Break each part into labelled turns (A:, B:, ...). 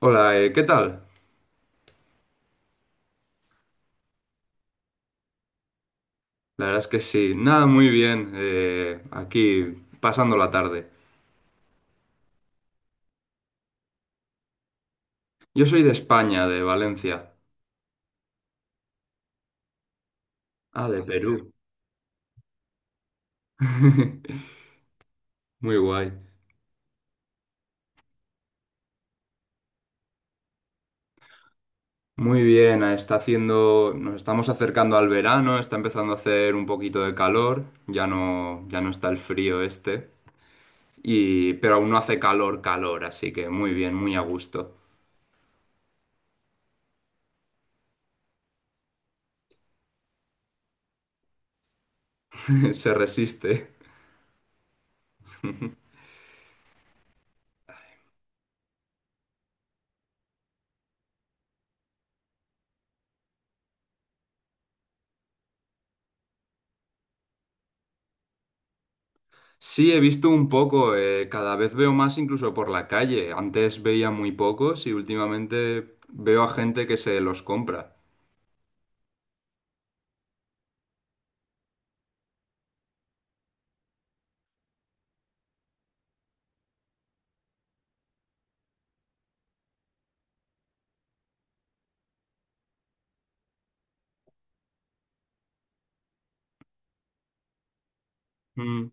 A: Hola, ¿qué tal? La verdad es que sí, nada, muy bien, aquí pasando la tarde. Yo soy de España, de Valencia. Ah, de Perú. Muy guay. Muy bien, está haciendo, nos estamos acercando al verano, está empezando a hacer un poquito de calor, ya no está el frío este, y, pero aún no hace calor, calor, así que muy bien, muy a gusto. Se resiste. Sí, he visto un poco, cada vez veo más incluso por la calle. Antes veía muy pocos y últimamente veo a gente que se los compra. Mm.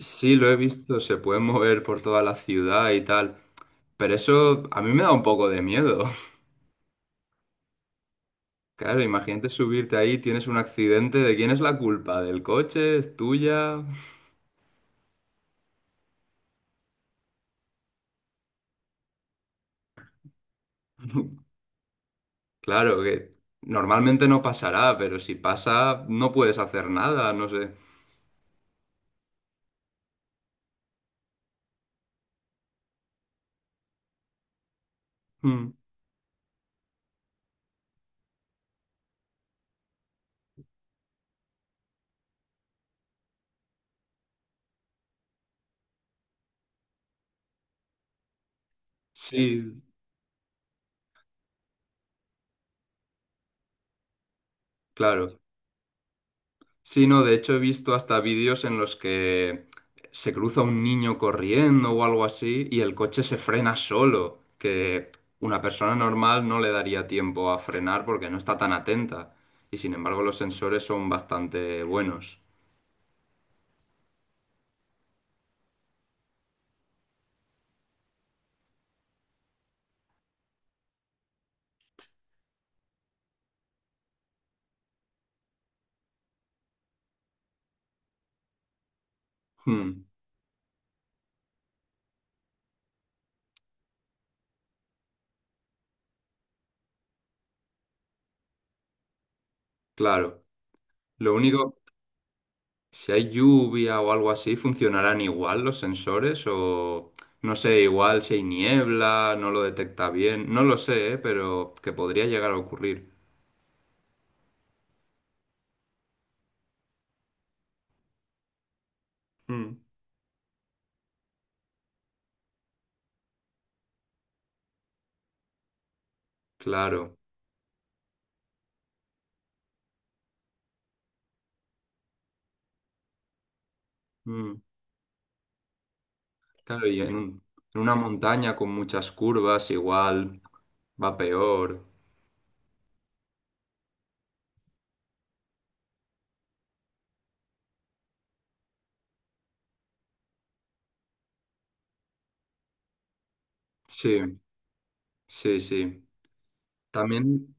A: Sí, lo he visto, se pueden mover por toda la ciudad y tal, pero eso a mí me da un poco de miedo. Claro, imagínate subirte ahí, tienes un accidente, ¿de quién es la culpa? ¿Del coche? ¿Es tuya? Claro que normalmente no pasará, pero si pasa no puedes hacer nada, no sé. Mm, sí, claro. Sí, no, de hecho he visto hasta vídeos en los que se cruza un niño corriendo o algo así y el coche se frena solo, que una persona normal no le daría tiempo a frenar porque no está tan atenta. Y sin embargo los sensores son bastante buenos. Hmm, claro. Lo único, si hay lluvia o algo así, ¿funcionarán igual los sensores? O no sé, igual si hay niebla, no lo detecta bien. No lo sé, ¿eh? Pero que podría llegar a ocurrir. Mm, claro. Mm, claro, en una montaña con muchas curvas, igual va peor. Sí, sí, sí. También,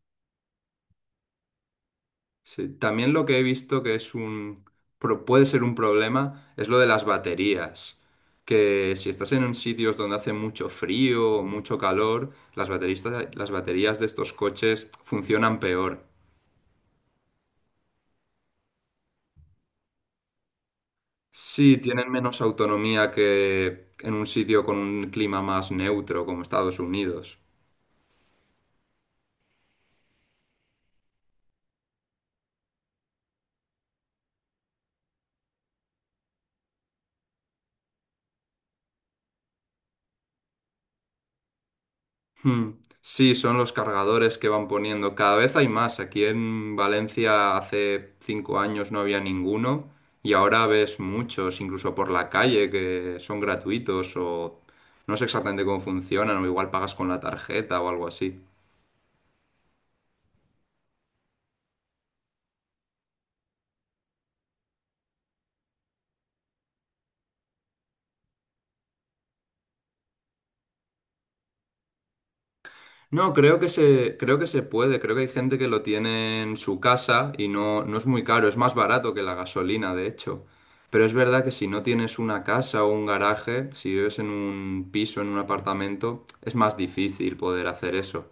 A: sí, también lo que he visto que es un, puede ser un problema es lo de las baterías. Que si estás en un sitios donde hace mucho frío o mucho calor, las baterías de estos coches funcionan peor. Sí, tienen menos autonomía que en un sitio con un clima más neutro como Estados Unidos. Hmm. Sí, son los cargadores que van poniendo. Cada vez hay más. Aquí en Valencia hace 5 años no había ninguno y ahora ves muchos, incluso por la calle, que son gratuitos o no sé exactamente cómo funcionan o igual pagas con la tarjeta o algo así. No, creo que se puede, creo que hay gente que lo tiene en su casa y no, no es muy caro, es más barato que la gasolina, de hecho. Pero es verdad que si no tienes una casa o un garaje, si vives en un piso, en un apartamento, es más difícil poder hacer eso.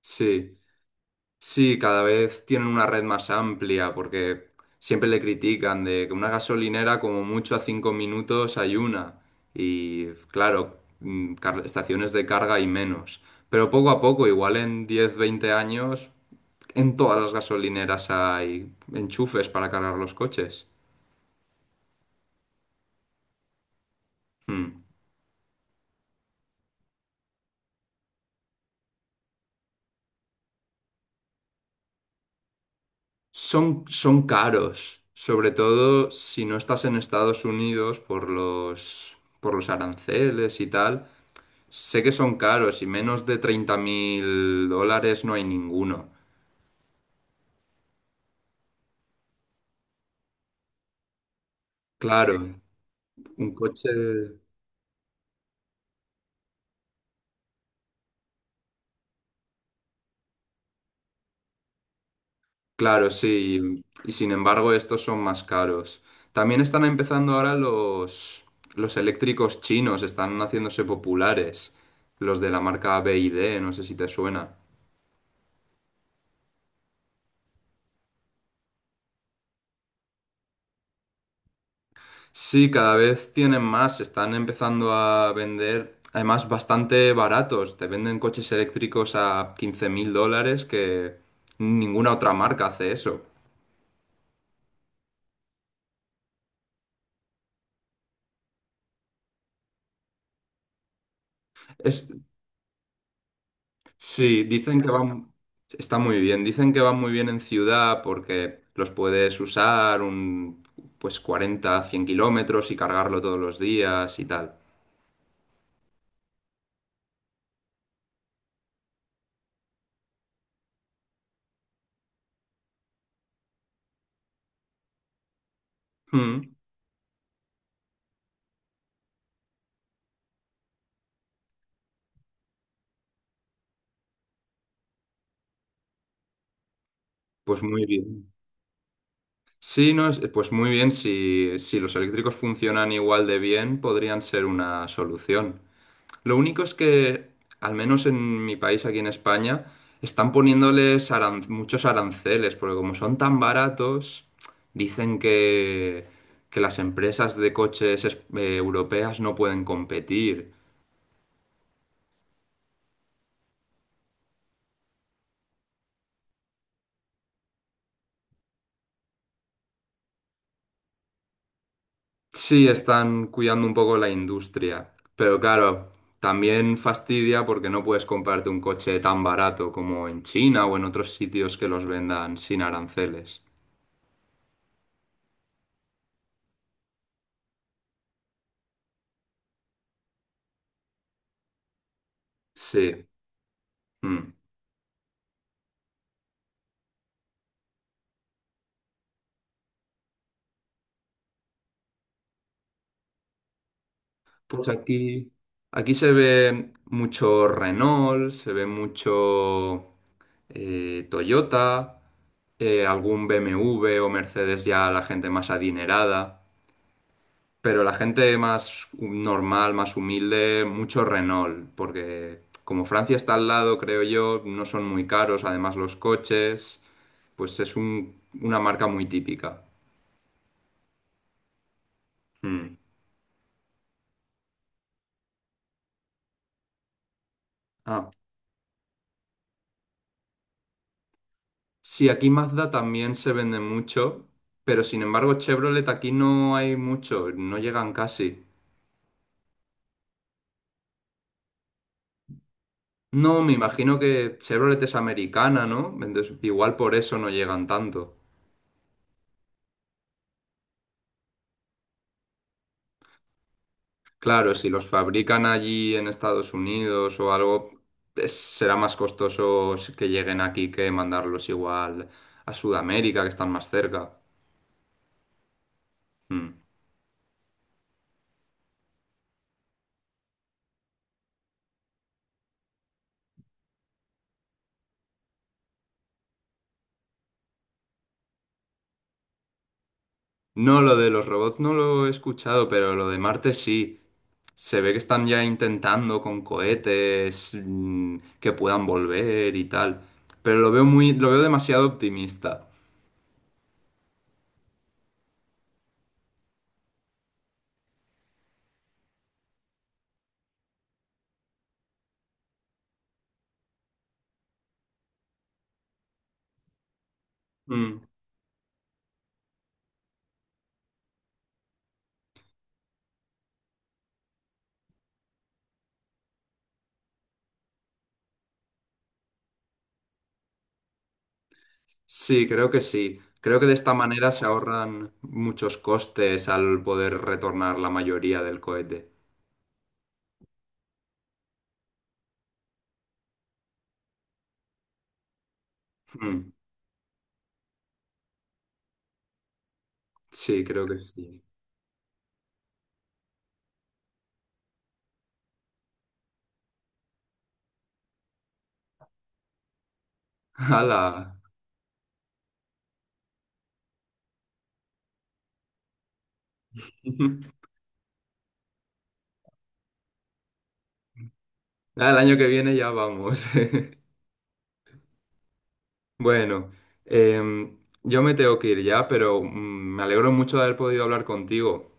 A: Sí. Sí, cada vez tienen una red más amplia porque siempre le critican de que una gasolinera como mucho a 5 minutos hay una y claro, estaciones de carga hay menos. Pero poco a poco, igual en 10, 20 años, en todas las gasolineras hay enchufes para cargar los coches. Mm. Son, son caros, sobre todo si no estás en Estados Unidos por los aranceles y tal. Sé que son caros y menos de $30.000 no hay ninguno. Claro, un coche, claro, sí. Y sin embargo, estos son más caros. También están empezando ahora los eléctricos chinos, están haciéndose populares. Los de la marca BYD, no sé si te suena. Sí, cada vez tienen más, están empezando a vender, además bastante baratos. Te venden coches eléctricos a $15.000 que ninguna otra marca hace eso. Es, sí, dicen que van, está muy bien, dicen que van muy bien en ciudad porque los puedes usar un, pues 40, 100 km y cargarlo todos los días y tal. Mm, pues muy bien. Sí, no, pues muy bien, si, si los eléctricos funcionan igual de bien, podrían ser una solución. Lo único es que, al menos en mi país, aquí en España, están poniéndoles muchos aranceles, porque como son tan baratos, dicen que las empresas de coches europeas no pueden competir. Sí, están cuidando un poco la industria, pero claro, también fastidia porque no puedes comprarte un coche tan barato como en China o en otros sitios que los vendan sin aranceles. Sí. Mm. Pues aquí, aquí se ve mucho Renault, se ve mucho Toyota, algún BMW o Mercedes ya la gente más adinerada, pero la gente más normal, más humilde, mucho Renault, porque como Francia está al lado, creo yo, no son muy caros, además los coches, pues una marca muy típica. Mm. Ah, sí, aquí Mazda también se vende mucho, pero sin embargo Chevrolet aquí no hay mucho, no llegan casi. No, me imagino que Chevrolet es americana, ¿no? Entonces, igual por eso no llegan tanto. Claro, si los fabrican allí en Estados Unidos o algo, será más costoso que lleguen aquí que mandarlos igual a Sudamérica, que están más cerca. Mm. No, lo de los robots no lo he escuchado, pero lo de Marte sí. Se ve que están ya intentando con cohetes que puedan volver y tal. Pero lo veo muy, lo veo demasiado optimista. Mm, sí, creo que sí. Creo que de esta manera se ahorran muchos costes al poder retornar la mayoría del cohete. Mm, sí, creo que sí. ¡Hala! Ya, el año que viene ya vamos. Bueno, em, yo me tengo que ir ya, pero me alegro mucho de haber podido hablar contigo.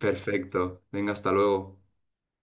A: Perfecto. Venga, hasta luego.